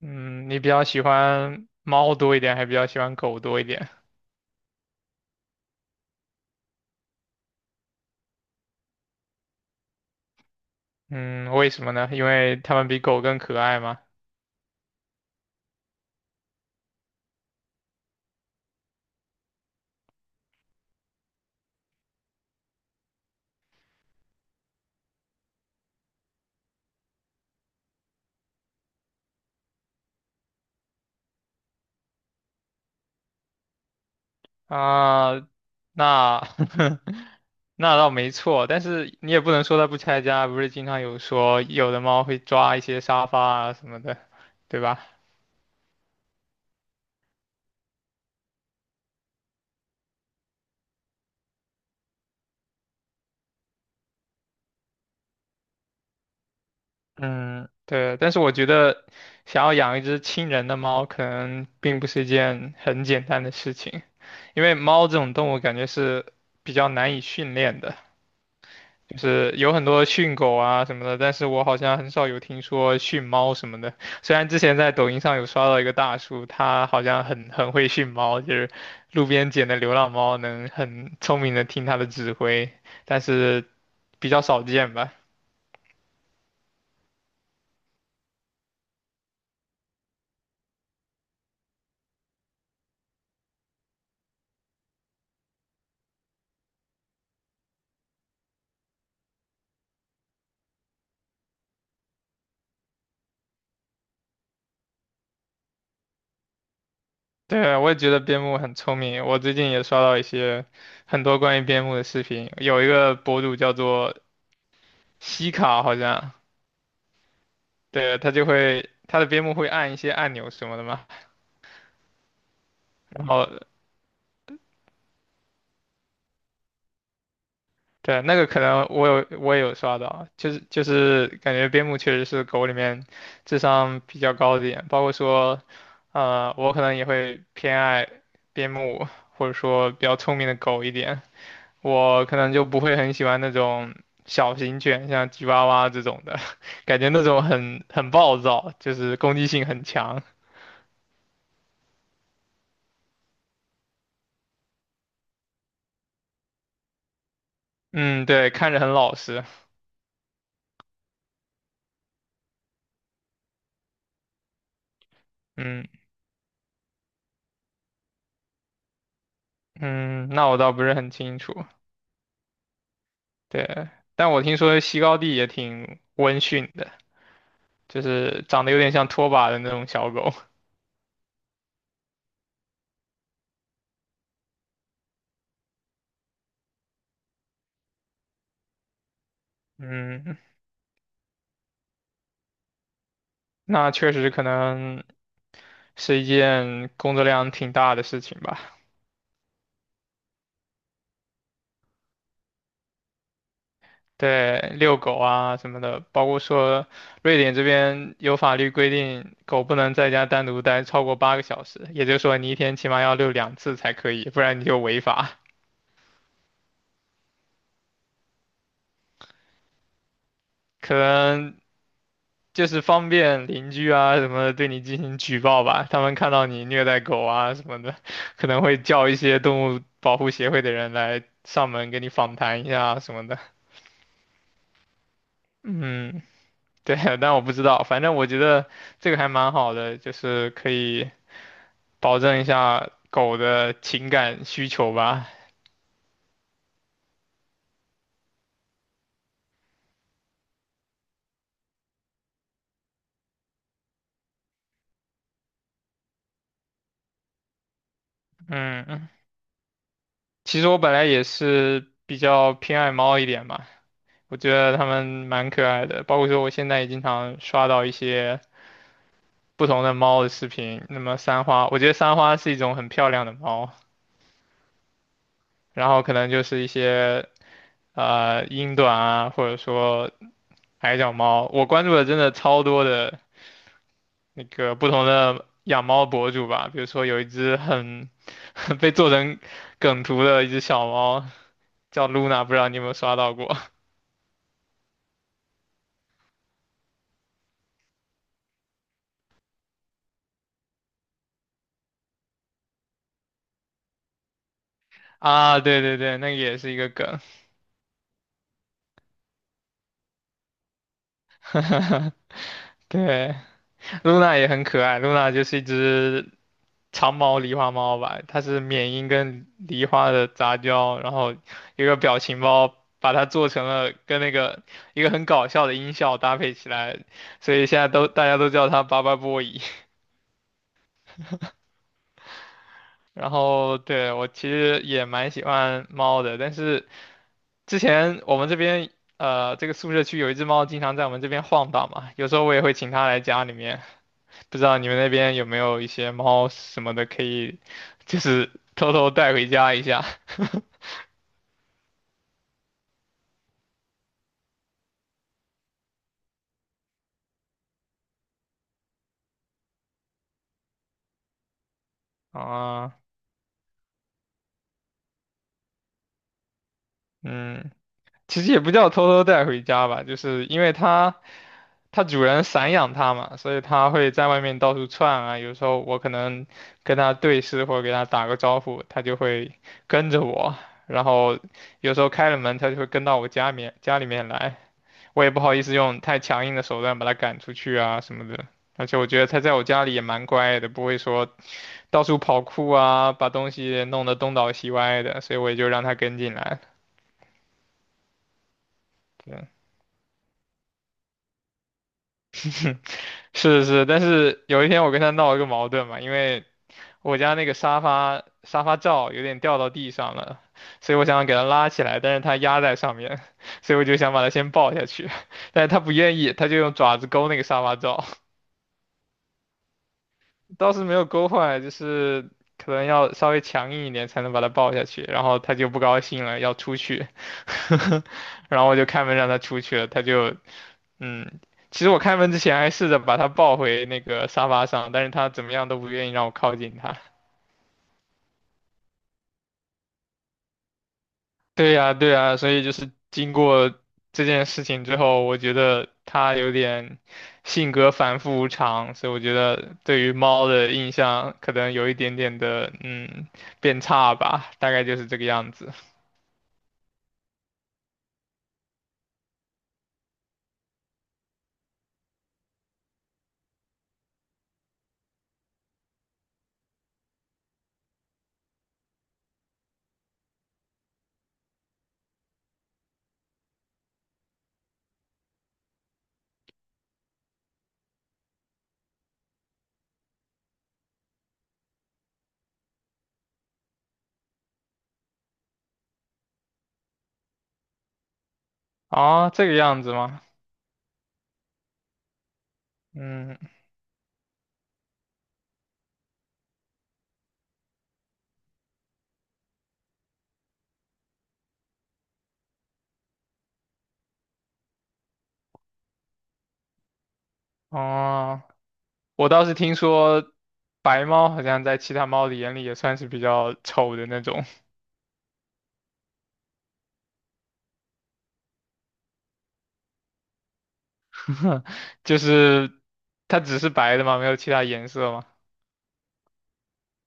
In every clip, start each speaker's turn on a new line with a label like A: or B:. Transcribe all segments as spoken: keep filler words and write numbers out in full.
A: 嗯，你比较喜欢猫多一点，还比较喜欢狗多一点？嗯，为什么呢？因为它们比狗更可爱吗？啊，那 那倒没错，但是你也不能说它不拆家，不是经常有说有的猫会抓一些沙发啊什么的，对吧？嗯，对，但是我觉得想要养一只亲人的猫，可能并不是一件很简单的事情，因为猫这种动物感觉是比较难以训练的。就是有很多训狗啊什么的，但是我好像很少有听说训猫什么的。虽然之前在抖音上有刷到一个大叔，他好像很很会训猫，就是路边捡的流浪猫能很聪明的听他的指挥，但是比较少见吧。对，我也觉得边牧很聪明。我最近也刷到一些很多关于边牧的视频，有一个博主叫做西卡，好像，对，他就会他的边牧会按一些按钮什么的嘛。然后对，那个可能我有我也有刷到，就是就是感觉边牧确实是狗里面智商比较高的一点，包括说，呃，我可能也会偏爱边牧或者说比较聪明的狗一点，我可能就不会很喜欢那种小型犬，像吉娃娃这种的，感觉那种很很暴躁，就是攻击性很强。嗯，对，看着很老实。嗯嗯，那我倒不是很清楚。对，但我听说西高地也挺温驯的，就是长得有点像拖把的那种小狗。嗯，那确实可能是一件工作量挺大的事情吧。对，遛狗啊什么的，包括说瑞典这边有法律规定，狗不能在家单独待超过八个小时，也就是说你一天起码要遛两次才可以，不然你就违法。可能就是方便邻居啊什么的对你进行举报吧，他们看到你虐待狗啊什么的，可能会叫一些动物保护协会的人来上门给你访谈一下啊什么的。嗯，对，但我不知道，反正我觉得这个还蛮好的，就是可以保证一下狗的情感需求吧。嗯，其实我本来也是比较偏爱猫一点吧，我觉得它们蛮可爱的，包括说我现在也经常刷到一些。不同的猫的视频。那么三花，我觉得三花是一种很漂亮的猫，然后可能就是一些呃英短啊，或者说矮脚猫。我关注的真的超多的那个不同的养猫博主吧，比如说有一只很 被做成梗图的一只小猫叫 Luna,不知道你有没有刷到过 啊？对对对，那个也是一个梗。对，露娜也很可爱，露娜就是一只长毛狸花猫吧，它是缅因跟狸花的杂交，然后一个表情包把它做成了跟那个一个很搞笑的音效搭配起来，所以现在都大家都叫它巴巴波伊。然后对我其实也蛮喜欢猫的，但是之前我们这边呃这个宿舍区有一只猫经常在我们这边晃荡嘛，有时候我也会请它来家里面，不知道你们那边有没有一些猫什么的可以，就是偷偷带回家一下啊。嗯，其实也不叫偷偷带回家吧，就是因为它它主人散养它嘛，所以它会在外面到处窜啊。有时候我可能跟它对视或者给它打个招呼，它就会跟着我。然后有时候开了门，它就会跟到我家面家里面来。我也不好意思用太强硬的手段把它赶出去啊什么的。而且我觉得它在我家里也蛮乖的，不会说到处跑酷啊，把东西弄得东倒西歪的，所以我也就让它跟进来。是是，但是有一天我跟他闹了个矛盾嘛，因为我家那个沙发沙发罩有点掉到地上了，所以我想给它拉起来，但是它压在上面，所以我就想把它先抱下去，但是它不愿意，它就用爪子勾那个沙发罩。倒是没有勾坏，就是可能要稍微强硬一点才能把他抱下去，然后他就不高兴了，要出去，然后我就开门让他出去了，他就，嗯，其实我开门之前还试着把他抱回那个沙发上，但是他怎么样都不愿意让我靠近他，对呀，对呀，所以就是经过这件事情之后，我觉得它有点性格反复无常，所以我觉得对于猫的印象可能有一点点的嗯变差吧，大概就是这个样子。啊，这个样子吗？嗯，哦，我倒是听说白猫好像在其他猫的眼里也算是比较丑的那种，就是它只是白的嘛，没有其他颜色嘛。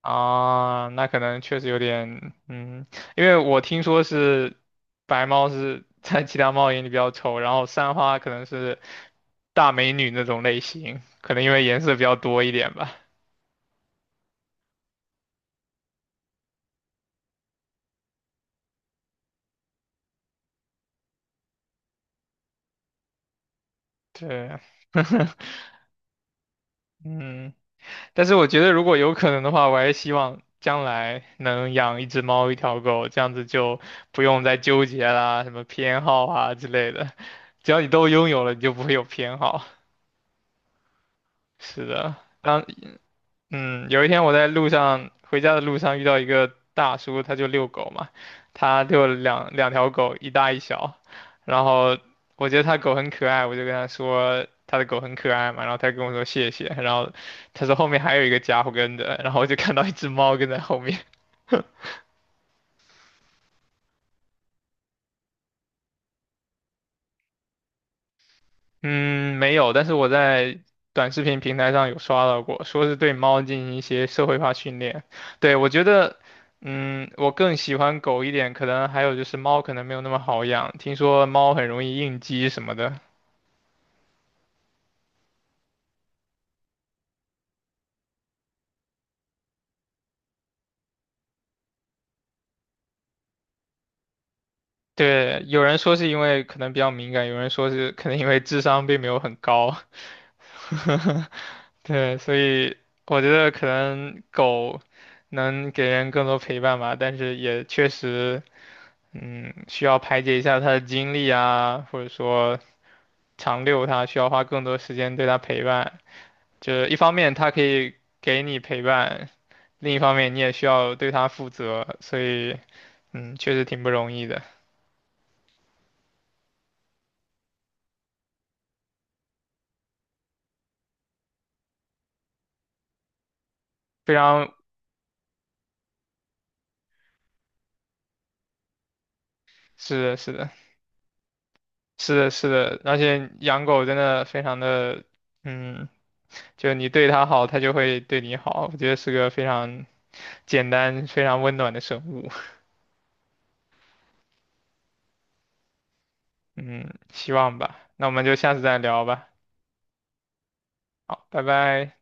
A: 啊，那可能确实有点，嗯，因为我听说是白猫是在其他猫眼里比较丑，然后三花可能是大美女那种类型，可能因为颜色比较多一点吧。对，嗯，但是我觉得如果有可能的话，我还是希望将来能养一只猫一条狗，这样子就不用再纠结啦，什么偏好啊之类的，只要你都拥有了，你就不会有偏好。是的。嗯，有一天我在路上回家的路上遇到一个大叔，他就遛狗嘛，他就两两条狗，一大一小，然后我觉得他狗很可爱，我就跟他说他的狗很可爱嘛，然后他跟我说谢谢，然后他说后面还有一个家伙跟着，然后我就看到一只猫跟在后面，嗯，没有，但是我在短视频平台上有刷到过，说是对猫进行一些社会化训练。对，我觉得，嗯，我更喜欢狗一点，可能还有就是猫可能没有那么好养，听说猫很容易应激什么的。对，有人说是因为可能比较敏感，有人说是可能因为智商并没有很高。对，所以我觉得可能狗能给人更多陪伴吧，但是也确实。嗯，需要排解一下他的精力啊，或者说长遛他需要花更多时间对他陪伴。就是一方面他可以给你陪伴，另一方面你也需要对他负责，所以嗯，确实挺不容易的。非常是的，是的，是的，是的，而且养狗真的非常的，嗯，就你对它好，它就会对你好。我觉得是个非常简单、非常温暖的生物。嗯，希望吧。那我们就下次再聊吧。好，拜拜。